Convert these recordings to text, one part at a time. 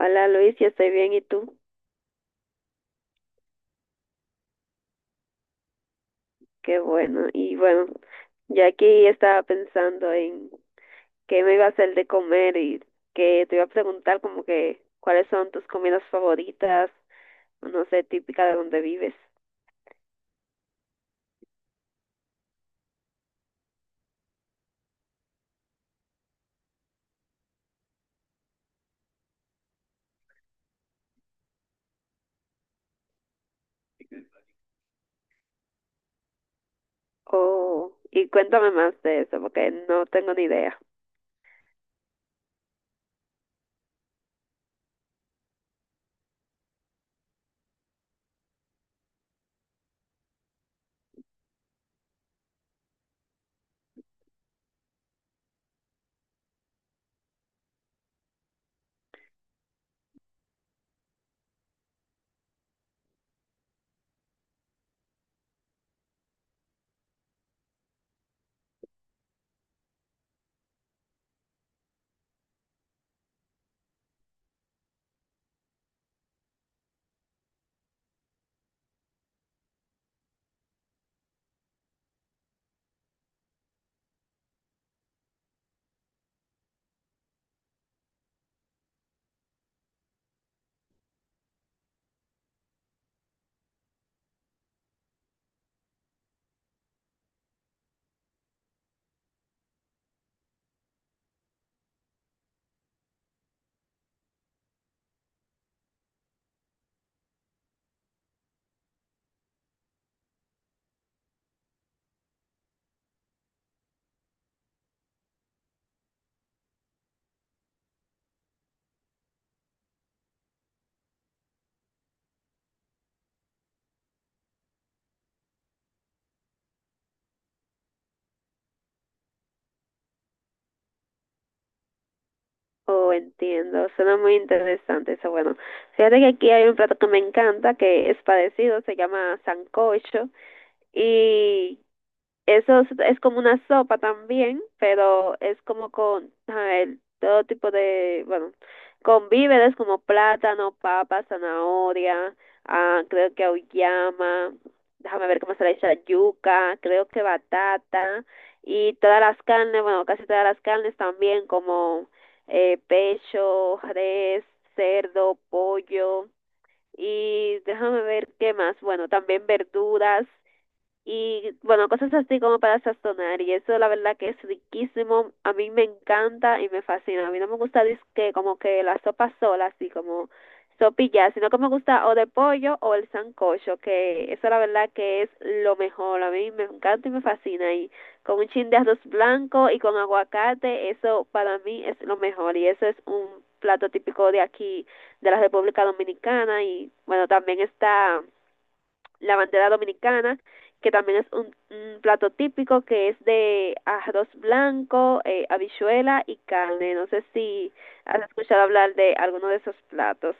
Hola Luis, yo estoy bien, ¿y tú? Qué bueno. Y bueno, ya aquí estaba pensando en qué me iba a hacer de comer y que te iba a preguntar como que cuáles son tus comidas favoritas, no sé, típica de donde vives. Oh, y cuéntame más de eso porque no tengo ni idea. Oh, entiendo, suena muy interesante eso. Bueno, fíjate que aquí hay un plato que me encanta, que es parecido, se llama sancocho. Y Eso es, como una sopa también, pero es como con, a ver, todo tipo de, bueno, con víveres como plátano, papa, zanahoria, ah, creo que auyama, déjame ver cómo se le dice yuca, creo que batata, y todas las carnes, bueno, casi todas las carnes también, como pecho, res, cerdo, pollo, y déjame ver qué más, bueno, también verduras y bueno, cosas así como para sazonar. Y eso la verdad que es riquísimo. A mí me encanta y me fascina. A mí no me gusta que como que la sopa sola, así como sopilla, sino que me gusta o de pollo o el sancocho, que eso la verdad que es lo mejor. A mí me encanta y me fascina. Y con un chin de arroz blanco y con aguacate, eso para mí es lo mejor. Y eso es un plato típico de aquí, de la República Dominicana. Y bueno, también está la bandera dominicana, que también es un plato típico que es de arroz blanco, habichuela y carne. No sé si has escuchado hablar de alguno de esos platos.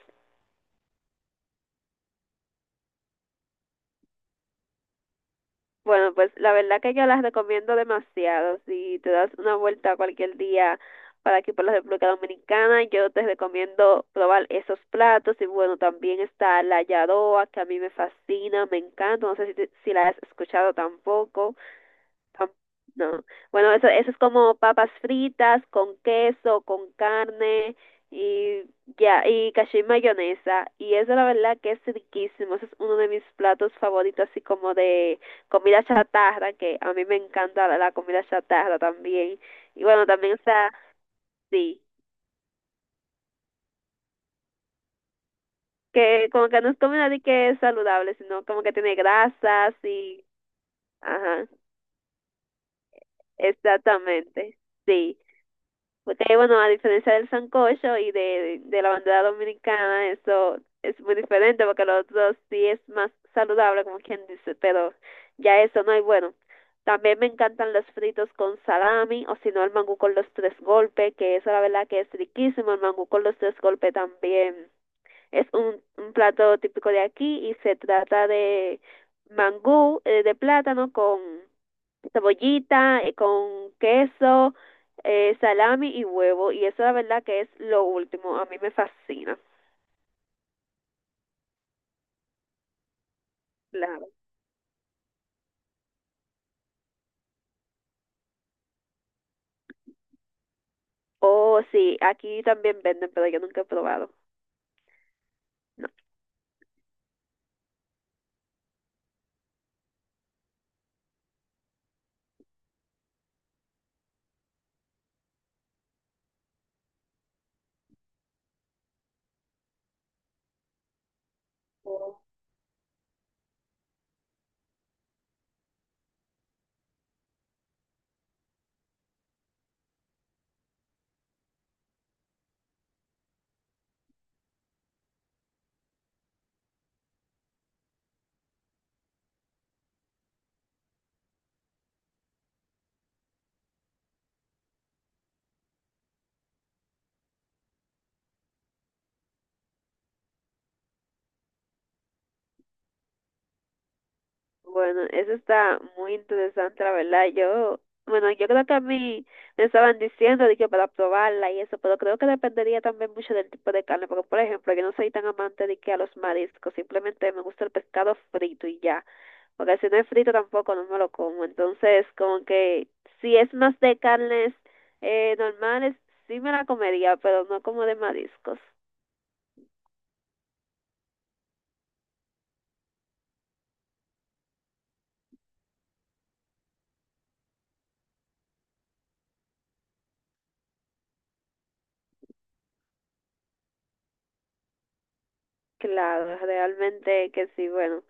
Bueno, pues la verdad que yo las recomiendo demasiado. Si te das una vuelta cualquier día para aquí por la República Dominicana, yo te recomiendo probar esos platos. Y bueno, también está la yadoa, que a mí me fascina, me encanta. No sé si la has escuchado tampoco. Tam- No. Bueno, eso es como papas fritas con queso, con carne y ya, y cacio y mayonesa. Y eso la verdad que es riquísimo. Ese es uno de mis platos favoritos, así como de comida chatarra, que a mí me encanta la comida chatarra también. Y bueno, también está, sí, que como que no es comida de que es saludable, sino como que tiene grasas y, ajá, exactamente. Sí. Porque, bueno, a diferencia del sancocho y de la bandera dominicana, eso es muy diferente porque los otros sí es más saludable, como quien dice, pero ya eso no hay bueno. También me encantan los fritos con salami o si no el mangú con los tres golpes, que eso la verdad que es riquísimo. El mangú con los tres golpes también es un plato típico de aquí y se trata de mangú de plátano con cebollita con queso, salami y huevo. Y eso la verdad que es lo último. A mí me fascina. Claro. Oh, sí, aquí también venden, pero yo nunca he probado. No. Bueno, eso está muy interesante, la verdad. Yo, bueno, yo creo que a mí me estaban diciendo de que para probarla y eso, pero creo que dependería también mucho del tipo de carne, porque por ejemplo, yo no soy tan amante de que a los mariscos, simplemente me gusta el pescado frito y ya. Porque si no es frito tampoco no me lo como. Entonces, como que si es más de carnes normales, sí me la comería, pero no como de mariscos. Claro, realmente que sí, bueno.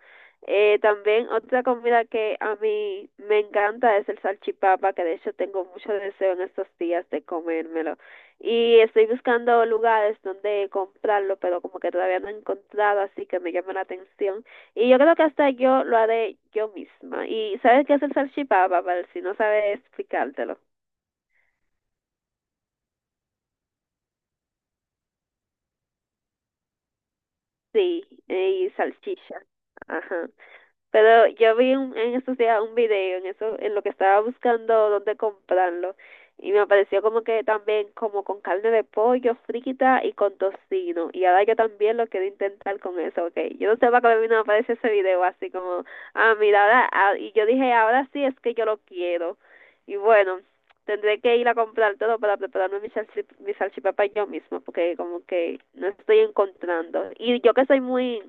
También otra comida que a mí me encanta es el salchipapa, que de hecho tengo mucho deseo en estos días de comérmelo. Y estoy buscando lugares donde comprarlo, pero como que todavía no he encontrado, así que me llama la atención. Y yo creo que hasta yo lo haré yo misma. ¿Y sabes qué es el salchipapa, Val? Si no sabes explicártelo. Sí, y salchicha. Ajá. Pero yo en estos días un video en eso, en lo que estaba buscando dónde comprarlo y me apareció como que también como con carne de pollo frita y con tocino y ahora yo también lo quiero intentar con eso, okay. Yo no sé para qué me vino a aparecer ese video así como, ah, mira, ahora, ah, y yo dije, ahora sí es que yo lo quiero. Y bueno, tendré que ir a comprar todo para prepararme mi salchipapa yo misma porque como que no estoy encontrando. Y yo que soy muy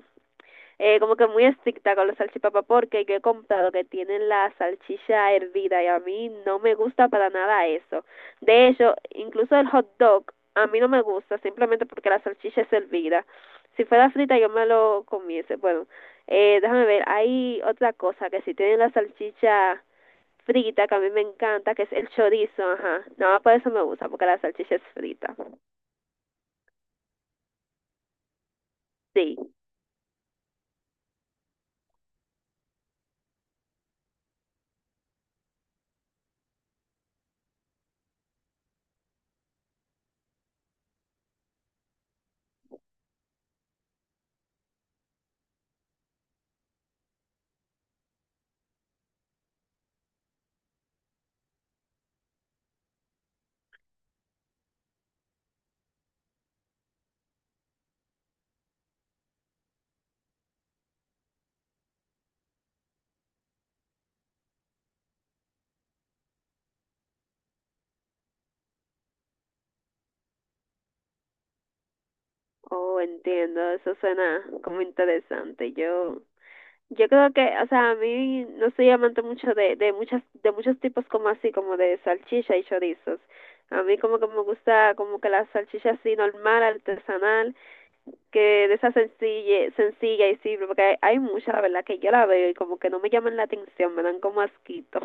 como que muy estricta con la salchipapa porque yo he comprado que tienen la salchicha hervida y a mí no me gusta para nada eso. De hecho, incluso el hot dog a mí no me gusta simplemente porque la salchicha es hervida. Si fuera frita yo me lo comiese. Bueno, déjame ver, hay otra cosa que si tienen la salchicha frita que a mí me encanta, que es el chorizo, ajá. No, por eso me gusta, porque la salchicha es frita. Sí. Oh, entiendo, eso suena como interesante. Yo Yo creo que, o sea, a mí no soy amante mucho de muchas, de muchos tipos como así, como de salchicha y chorizos. A mí como que me gusta como que la salchicha así normal, artesanal, que de esa sencilla, sencilla y simple, porque hay mucha, la verdad, que yo la veo y como que no me llaman la atención, me dan como asquito.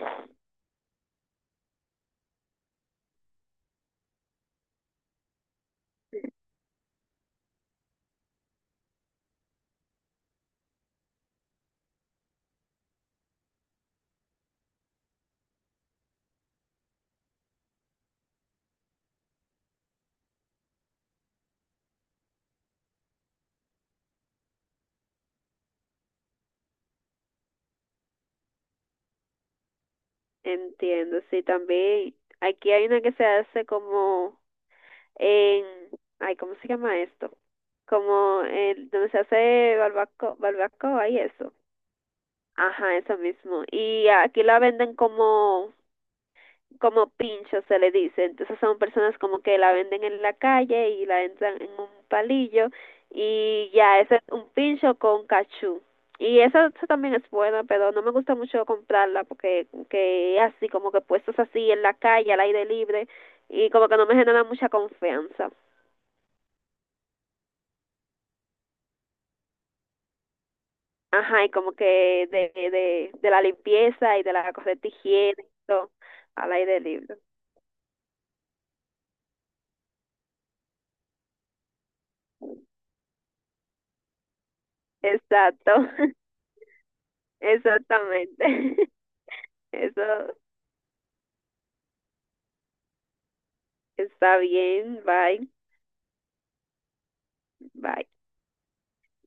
Entiendo, sí, también aquí hay una que se hace como en, ay, ¿cómo se llama esto? Como el, donde se hace barbaco, barbacoa y eso. Ajá, eso mismo. Y aquí la venden como, como pincho, se le dice. Entonces son personas como que la venden en la calle y la entran en un palillo y ya, ese es un pincho con cachú. Y eso también es bueno, pero no me gusta mucho comprarla porque que así, como que puestos así en la calle, al aire libre, y como que no me genera mucha confianza. Ajá, y como que de la limpieza y de la correcta higiene, y todo, al aire libre. Exacto. Exactamente. Eso está bien. Bye. Bye.